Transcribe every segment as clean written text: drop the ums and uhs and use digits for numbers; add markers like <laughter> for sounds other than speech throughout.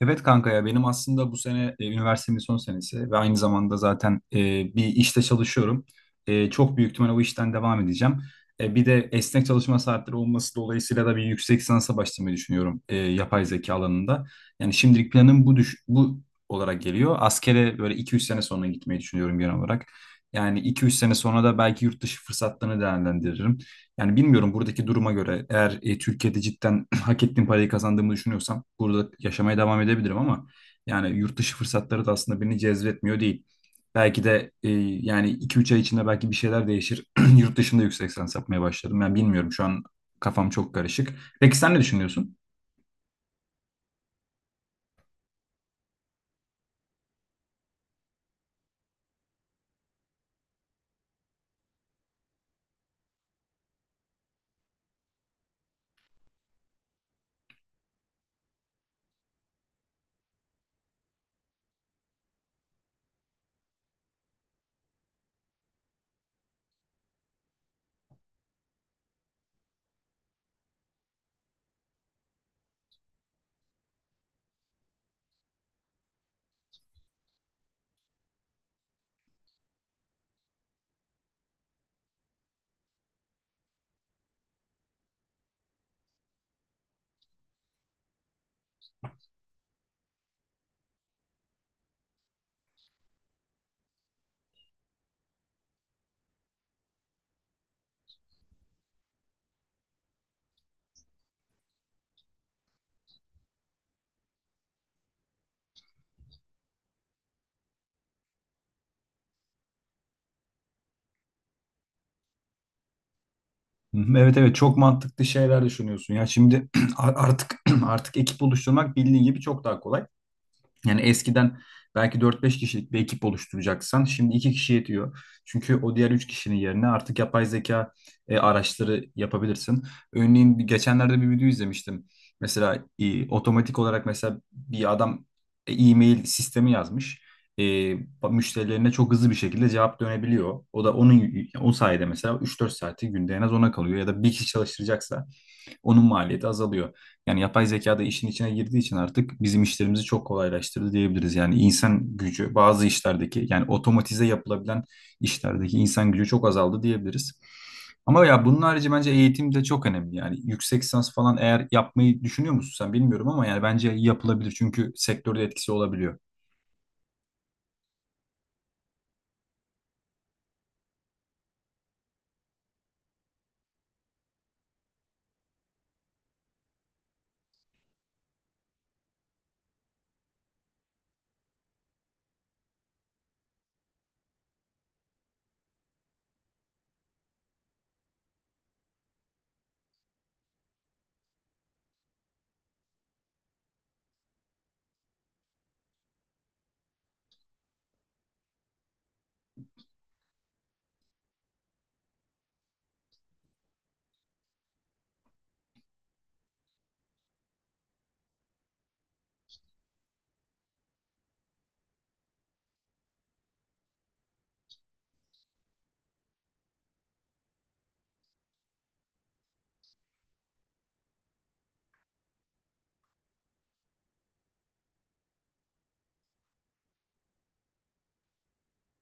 Evet kanka ya benim aslında bu sene üniversitemin son senesi ve aynı zamanda zaten bir işte çalışıyorum. Çok büyük ihtimal o işten devam edeceğim. Bir de esnek çalışma saatleri olması dolayısıyla da bir yüksek lisansa başlamayı düşünüyorum yapay zeka alanında. Yani şimdilik planım bu olarak geliyor. Askere böyle 2-3 sene sonra gitmeyi düşünüyorum genel olarak. Yani 2-3 sene sonra da belki yurt dışı fırsatlarını değerlendiririm. Yani bilmiyorum, buradaki duruma göre eğer Türkiye'de cidden <clears throat> hak ettiğim parayı kazandığımı düşünüyorsam burada yaşamaya devam edebilirim ama yani yurt dışı fırsatları da aslında beni cezbetmiyor değil. Belki de yani 2-3 ay içinde belki bir şeyler değişir. <clears throat> Yurt dışında yüksek lisans yapmaya başlarım. Ben bilmiyorum, şu an kafam çok karışık. Peki sen ne düşünüyorsun? Hı hı, evet evet, çok mantıklı şeyler düşünüyorsun. Ya şimdi <clears throat> artık <clears throat> artık ekip oluşturmak bildiğin gibi çok daha kolay. Yani eskiden belki dört beş kişilik bir ekip oluşturacaksan şimdi 2 kişi yetiyor. Çünkü o diğer 3 kişinin yerine artık yapay zeka araçları yapabilirsin. Örneğin geçenlerde bir video izlemiştim. Mesela otomatik olarak mesela bir adam e-mail sistemi yazmış. E, Müşterilerine çok hızlı bir şekilde cevap dönebiliyor. O da onun o sayede mesela 3-4 saati günde en az ona kalıyor, ya da bir kişi çalıştıracaksa onun maliyeti azalıyor. Yani yapay zeka da işin içine girdiği için artık bizim işlerimizi çok kolaylaştırdı diyebiliriz. Yani insan gücü bazı işlerdeki, yani otomatize yapılabilen işlerdeki insan gücü çok azaldı diyebiliriz. Ama ya bunun harici bence eğitim de çok önemli. Yani yüksek lisans falan eğer yapmayı düşünüyor musun, sen bilmiyorum ama yani bence yapılabilir çünkü sektörde etkisi olabiliyor.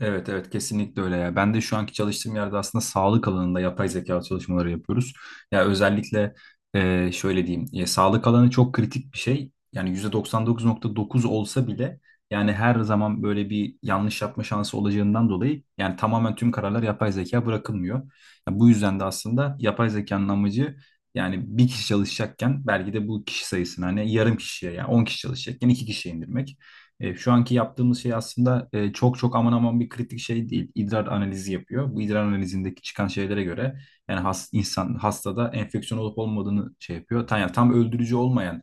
Evet evet, kesinlikle öyle ya. Ben de şu anki çalıştığım yerde aslında sağlık alanında yapay zeka çalışmaları yapıyoruz. Ya özellikle şöyle diyeyim. Ya sağlık alanı çok kritik bir şey. Yani %99,9 olsa bile, yani her zaman böyle bir yanlış yapma şansı olacağından dolayı yani tamamen tüm kararlar yapay zeka bırakılmıyor. Ya bu yüzden de aslında yapay zekanın amacı, yani bir kişi çalışacakken belki de bu kişi sayısını hani yarım kişiye, yani 10 kişi çalışacakken 2 kişiye indirmek. Şu anki yaptığımız şey aslında çok çok aman aman bir kritik şey değil. İdrar analizi yapıyor. Bu idrar analizindeki çıkan şeylere göre yani insan hastada enfeksiyon olup olmadığını şey yapıyor. Yani tam öldürücü olmayan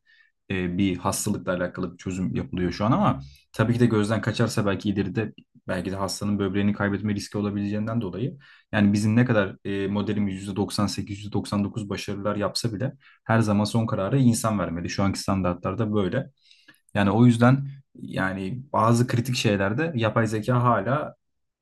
bir hastalıkla alakalı bir çözüm yapılıyor şu an ama tabii ki de gözden kaçarsa belki ileride, belki de hastanın böbreğini kaybetme riski olabileceğinden dolayı yani bizim ne kadar modelimiz %98, %99 başarılar yapsa bile her zaman son kararı insan vermeli. Şu anki standartlarda böyle. Yani o yüzden yani bazı kritik şeylerde yapay zeka hala,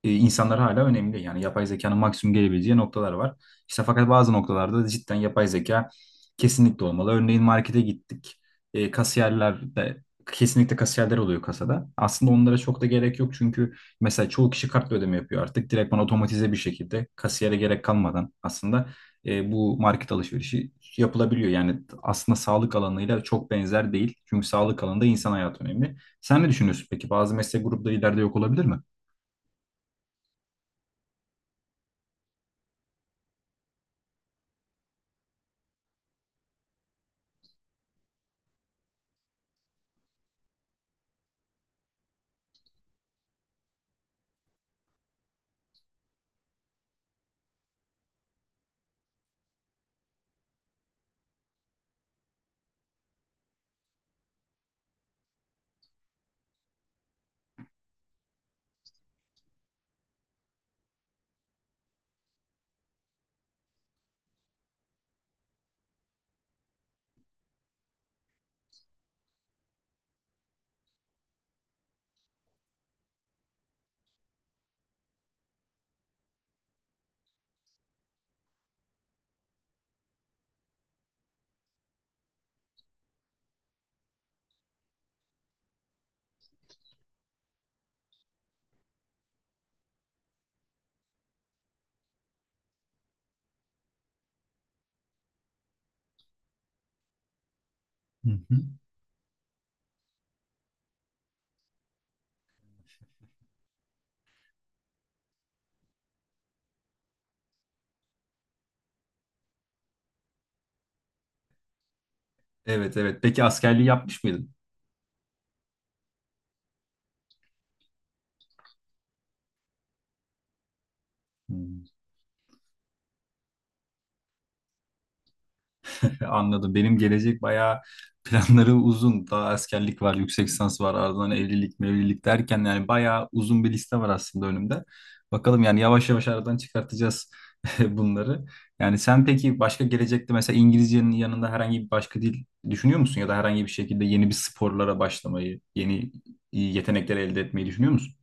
insanlar hala önemli. Yani yapay zekanın maksimum gelebileceği noktalar var. İşte fakat bazı noktalarda da cidden yapay zeka kesinlikle olmalı. Örneğin markete gittik. Kasiyerler de, kesinlikle kasiyerler oluyor kasada. Aslında onlara çok da gerek yok çünkü mesela çoğu kişi kartla ödeme yapıyor artık. Direktman otomatize bir şekilde kasiyere gerek kalmadan aslında bu market alışverişi yapılabiliyor. Yani aslında sağlık alanıyla çok benzer değil. Çünkü sağlık alanında insan hayatı önemli. Sen ne düşünüyorsun peki? Bazı meslek grupları ileride yok olabilir mi? Hı hı. Evet evet. Peki askerliği yapmış mıydın? Hmm. <laughs> Anladım. Benim gelecek bayağı planları uzun. Daha askerlik var, yüksek lisans var, ardından evlilik, mevlilik derken yani bayağı uzun bir liste var aslında önümde. Bakalım, yani yavaş yavaş aradan çıkartacağız <laughs> bunları. Yani sen peki başka gelecekte mesela İngilizcenin yanında herhangi bir başka dil düşünüyor musun? Ya da herhangi bir şekilde yeni bir sporlara başlamayı, yeni yetenekler elde etmeyi düşünüyor musun?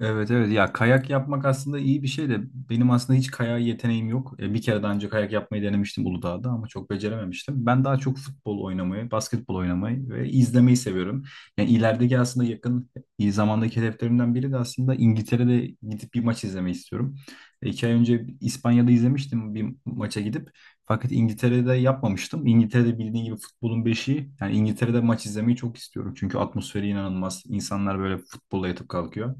Evet evet, ya kayak yapmak aslında iyi bir şey de benim aslında hiç kayak yeteneğim yok. Bir kere daha önce kayak yapmayı denemiştim Uludağ'da ama çok becerememiştim. Ben daha çok futbol oynamayı, basketbol oynamayı ve izlemeyi seviyorum. Yani ilerideki aslında yakın iyi zamandaki hedeflerimden biri de aslında İngiltere'de gidip bir maç izlemeyi istiyorum. 2 ay önce İspanya'da izlemiştim bir maça gidip. Fakat İngiltere'de yapmamıştım. İngiltere'de bildiğin gibi futbolun beşiği. Yani İngiltere'de maç izlemeyi çok istiyorum. Çünkü atmosferi inanılmaz. İnsanlar böyle futbolla yatıp kalkıyor.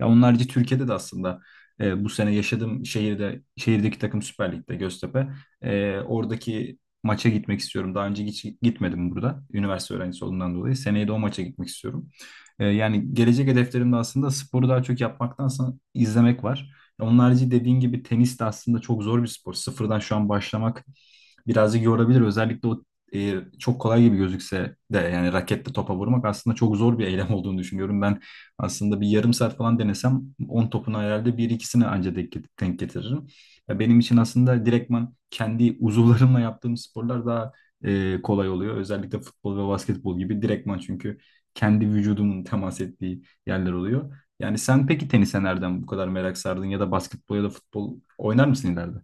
Ya onun Türkiye'de de aslında bu sene yaşadığım şehirde, şehirdeki takım Süper Lig'de Göztepe. Oradaki maça gitmek istiyorum. Daha önce hiç gitmedim burada. Üniversite öğrencisi olduğumdan dolayı. Seneye de o maça gitmek istiyorum. Yani gelecek hedeflerimde aslında sporu daha çok yapmaktansa izlemek var. Onun harici dediğin gibi tenis de aslında çok zor bir spor. Sıfırdan şu an başlamak birazcık yorabilir. Özellikle o e, çok kolay gibi gözükse de yani raketle topa vurmak aslında çok zor bir eylem <laughs> olduğunu düşünüyorum. Ben aslında bir yarım saat falan denesem 10 topun herhalde bir ikisine anca denk getiririm. Ya benim için aslında direktman kendi uzuvlarımla yaptığım sporlar daha kolay oluyor. Özellikle futbol ve basketbol gibi direktman, çünkü kendi vücudumun temas ettiği yerler oluyor. Yani sen peki tenise nereden bu kadar merak sardın, ya da basketbol ya da futbol oynar mısın ileride?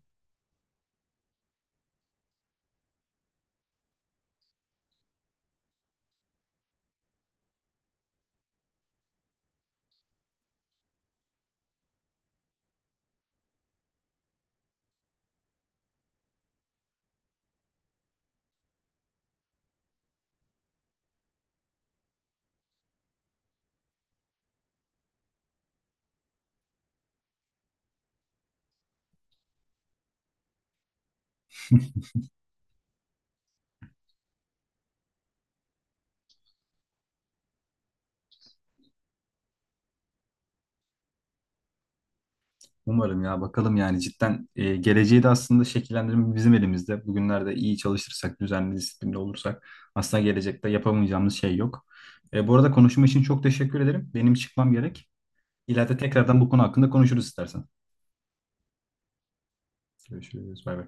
Umarım, ya bakalım yani cidden geleceği de aslında şekillendirme bizim elimizde. Bugünlerde iyi çalışırsak, düzenli, disiplinli olursak aslında gelecekte yapamayacağımız şey yok. Bu arada konuşma için çok teşekkür ederim. Benim çıkmam gerek. İleride tekrardan bu konu hakkında konuşuruz istersen. Görüşürüz. Bay bay.